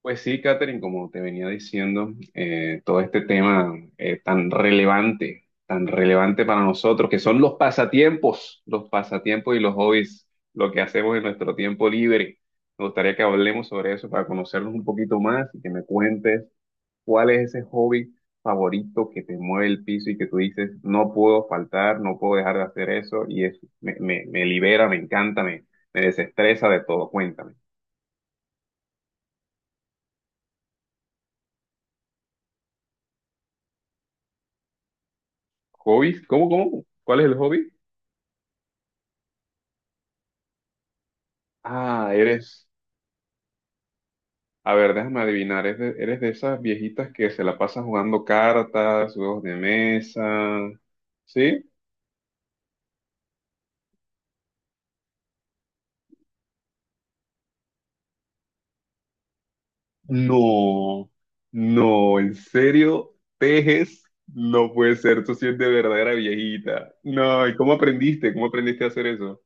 Pues sí, Catherine, como te venía diciendo, todo este tema tan relevante para nosotros, que son los pasatiempos y los hobbies, lo que hacemos en nuestro tiempo libre. Me gustaría que hablemos sobre eso para conocernos un poquito más y que me cuentes cuál es ese hobby favorito que te mueve el piso y que tú dices, no puedo faltar, no puedo dejar de hacer eso y es, me libera, me encanta, me desestresa de todo. Cuéntame. ¿Hobbies? ¿Cómo, cómo? ¿Cuál es el hobby? Ah, eres. A ver, déjame adivinar. Eres de esas viejitas que se la pasan jugando cartas, juegos de mesa? ¿Sí? No, no, ¿en serio? ¿Tejes? No puede ser, tú sí eres de verdadera viejita. No, ¿y cómo aprendiste? ¿Cómo aprendiste a hacer eso?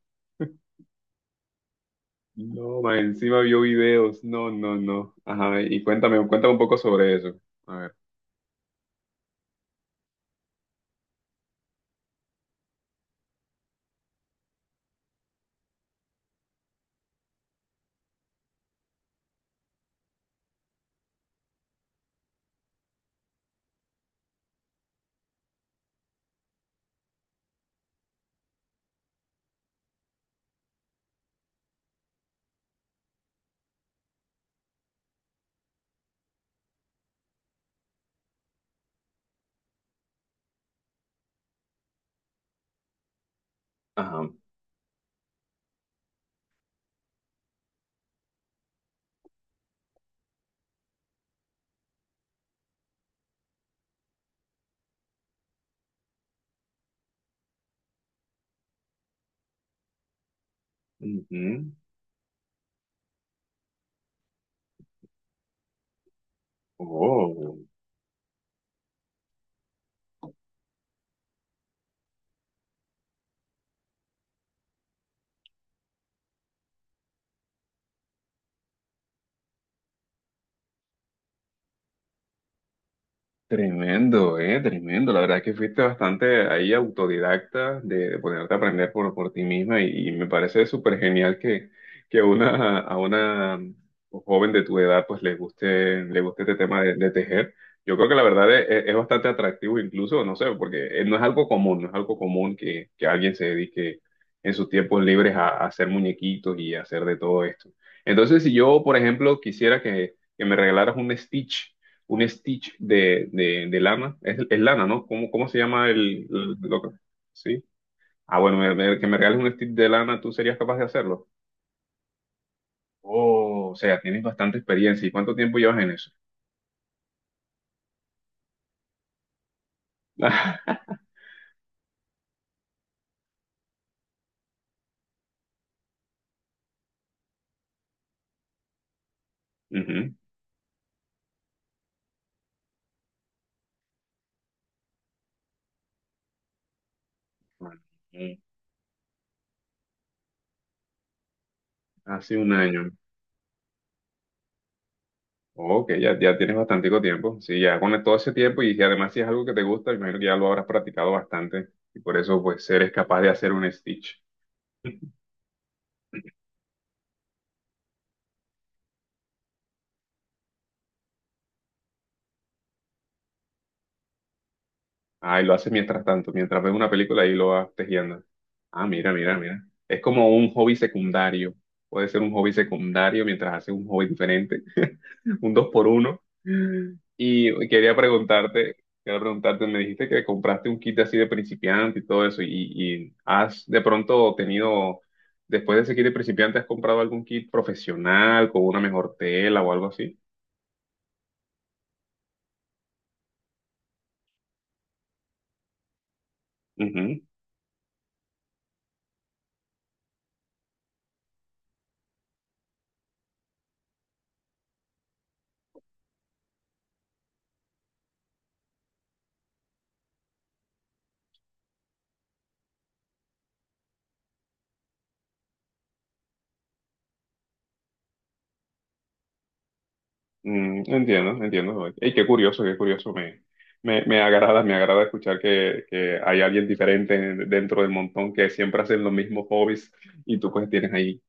No, ma, encima vio videos. No, no, no. Ajá, y cuéntame, cuéntame un poco sobre eso. A ver. Ajá. Ujú. Oh. Tremendo, tremendo. La verdad es que fuiste bastante ahí autodidacta de ponerte a aprender por ti misma y me parece súper genial que una, a una joven de tu edad pues le guste este tema de tejer. Yo creo que la verdad es bastante atractivo incluso, no sé, porque no es algo común, no es algo común que alguien se dedique en sus tiempos libres a hacer muñequitos y a hacer de todo esto. Entonces, si yo, por ejemplo, quisiera que me regalaras un Stitch de lana. Es lana, ¿no? ¿Cómo, cómo se llama el, lo que- sí? Ah, bueno, que me regales un Stitch de lana, ¿tú serías capaz de hacerlo? Oh, o sea, tienes bastante experiencia. ¿Y cuánto tiempo llevas en eso? Ujú. Ujú. Hace un año. Ok, ya, ya tienes bastante tiempo. Sí, ya con todo ese tiempo y si además si es algo que te gusta, imagino que ya lo habrás practicado bastante y por eso pues eres capaz de hacer un Stitch. Ah, y lo haces mientras tanto, mientras ves una película y lo vas tejiendo. Ah, mira, mira, mira. Es como un hobby secundario. Puede ser un hobby secundario mientras haces un hobby diferente, un dos por uno. Y quería preguntarte, me dijiste que compraste un kit así de principiante y todo eso, y has de pronto tenido, después de ese kit de principiante, ¿has comprado algún kit profesional con una mejor tela o algo así? Mm, entiendo, entiendo. Y qué curioso, qué curioso. Me agrada escuchar que hay alguien diferente en- dentro del montón que siempre hacen los mismos hobbies y tú pues tienes ahí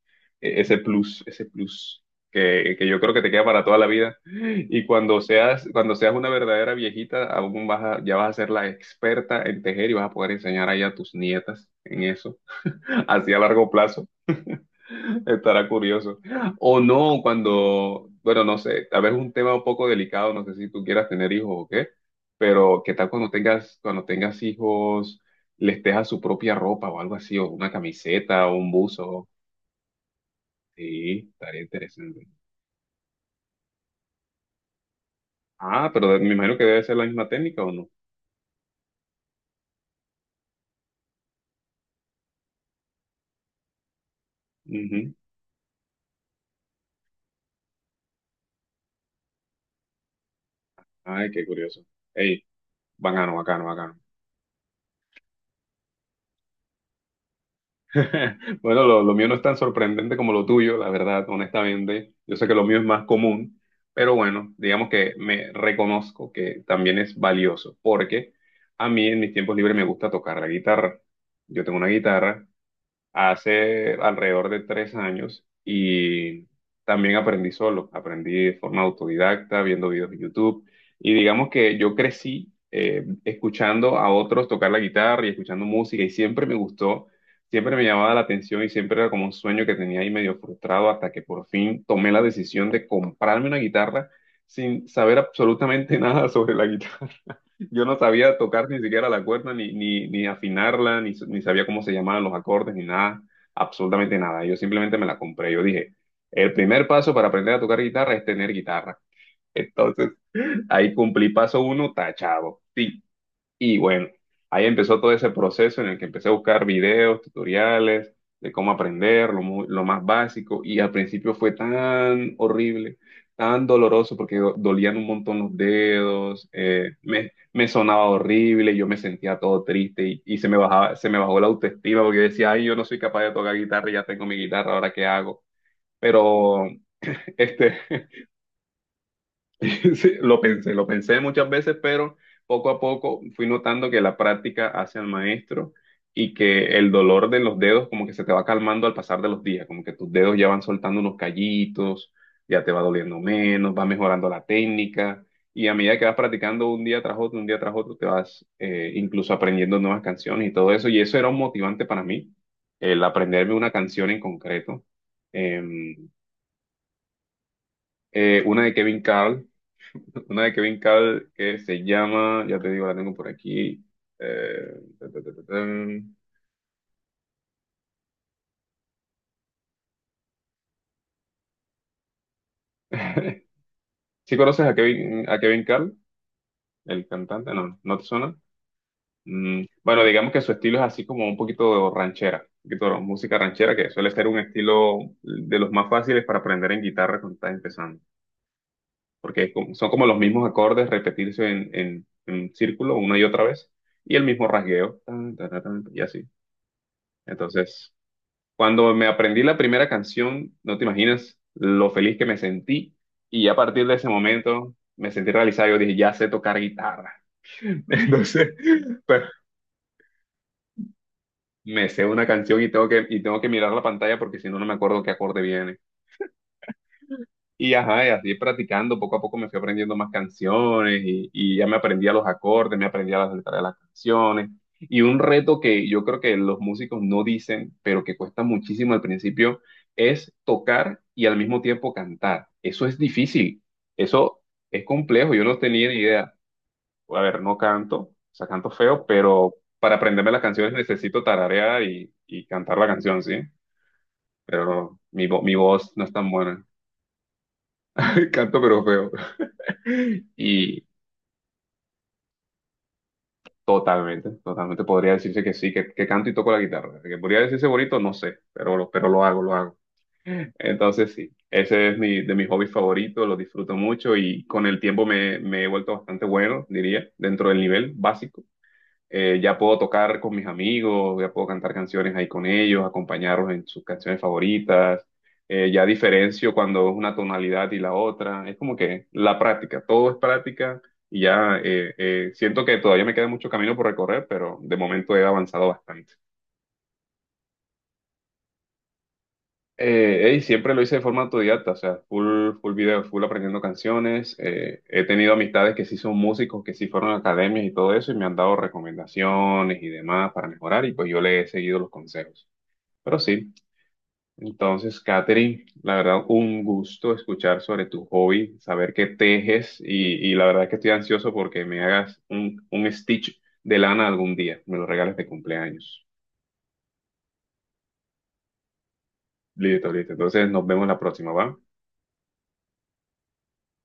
ese plus que yo creo que te queda para toda la vida. Y cuando seas una verdadera viejita, aún vas a- ya vas a ser la experta en tejer y vas a poder enseñar ahí a tus nietas en eso, así a largo plazo. Estará curioso. O no, cuando, bueno, no sé, tal vez un tema un poco delicado, no sé si tú quieras tener hijos o qué, pero qué tal cuando tengas hijos, les dejas su propia ropa o algo así, o una camiseta o un buzo. Sí, estaría interesante. Ah, pero me imagino que debe ser la misma técnica o no. Ujú. Ay, qué curioso. Ey, bacano, bacano, bacano. Bueno, lo mío no es tan sorprendente como lo tuyo, la verdad, honestamente. Yo sé que lo mío es más común, pero bueno, digamos que me reconozco que también es valioso, porque a mí en mis tiempos libres me gusta tocar la guitarra. Yo tengo una guitarra hace alrededor de 3 años y también aprendí solo, aprendí de forma autodidacta, viendo videos de YouTube y digamos que yo crecí escuchando a otros tocar la guitarra y escuchando música y siempre me gustó, siempre me llamaba la atención y siempre era como un sueño que tenía ahí medio frustrado hasta que por fin tomé la decisión de comprarme una guitarra sin saber absolutamente nada sobre la guitarra. Yo no sabía tocar ni siquiera la cuerda, ni afinarla, ni sabía cómo se llamaban los acordes, ni nada, absolutamente nada. Yo simplemente me la compré. Yo dije, el primer paso para aprender a tocar guitarra es tener guitarra. Entonces, ahí cumplí paso uno, tachado. Y bueno, ahí empezó todo ese proceso en el que empecé a buscar videos, tutoriales de cómo aprender, lo más básico. Y al principio fue tan horrible, tan doloroso, porque dolían un montón los dedos, me sonaba horrible, yo me sentía todo triste y se me bajaba, se me bajó la autoestima porque decía, ay, yo no soy capaz de tocar guitarra, y ya tengo mi guitarra, ¿ahora qué hago? Pero este, sí, lo pensé muchas veces, pero poco a poco fui notando que la práctica hace al maestro y que el dolor de los dedos como que se te va calmando al pasar de los días, como que tus dedos ya van soltando unos callitos, ya te va doliendo menos, va mejorando la técnica y a medida que vas practicando un día tras otro, un día tras otro, te vas incluso aprendiendo nuevas canciones y todo eso y eso era un motivante para mí, el aprenderme una canción en concreto. Em, una de Kevin Carl, una de Kevin Cabl que se llama, ya te digo, la tengo por aquí. Ta, ta, ta, ta, tan. ¿Sí conoces a Kevin Carl, el cantante? No, ¿no te suena? Mm, bueno, digamos que su estilo es así como un poquito ranchera, un poquito de música ranchera, que suele ser un estilo de los más fáciles para aprender en guitarra cuando estás empezando, porque es como- son como los mismos acordes repetirse en círculo una y otra vez, y el mismo rasgueo, tan, tan, tan, tan, y así. Entonces, cuando me aprendí la primera canción, no te imaginas lo feliz que me sentí. Y a partir de ese momento me sentí realizado. Yo dije, ya sé tocar guitarra. Entonces, pero me sé una canción y tengo que mirar la pantalla porque si no, no me acuerdo qué acorde viene. Y ajá, y así practicando, poco a poco me fui aprendiendo más canciones y ya me aprendía los acordes, me aprendía las letras de las canciones. Y un reto que yo creo que los músicos no dicen, pero que cuesta muchísimo al principio, es tocar y al mismo tiempo cantar. Eso es difícil, eso es complejo, yo no tenía ni idea. A ver, no canto, o sea, canto feo, pero para aprenderme las canciones necesito tararear y cantar la canción, ¿sí? Pero mi voz no es tan buena. Canto pero feo. Y totalmente, totalmente podría decirse que sí, que canto y toco la guitarra. Que podría decirse bonito, no sé, pero, pero lo hago, lo hago. Entonces sí, ese es mi, de mis hobbies favoritos, lo disfruto mucho y con el tiempo me he vuelto bastante bueno, diría, dentro del nivel básico. Ya puedo tocar con mis amigos, ya puedo cantar canciones ahí con ellos, acompañarlos en sus canciones favoritas, ya diferencio cuando es una tonalidad y la otra, es como que la práctica, todo es práctica y ya siento que todavía me queda mucho camino por recorrer, pero de momento he avanzado bastante. Siempre lo hice de forma autodidacta, o sea, full, full video, full aprendiendo canciones. He tenido amistades que sí son músicos, que sí fueron a academias y todo eso, y me han dado recomendaciones y demás para mejorar, y pues yo le he seguido los consejos. Pero sí, entonces, Katherine, la verdad, un gusto escuchar sobre tu hobby, saber que tejes, y la verdad que estoy ansioso porque me hagas un stitch de lana algún día, me lo regales de cumpleaños. Listo, listo. Entonces, nos vemos la próxima, ¿va?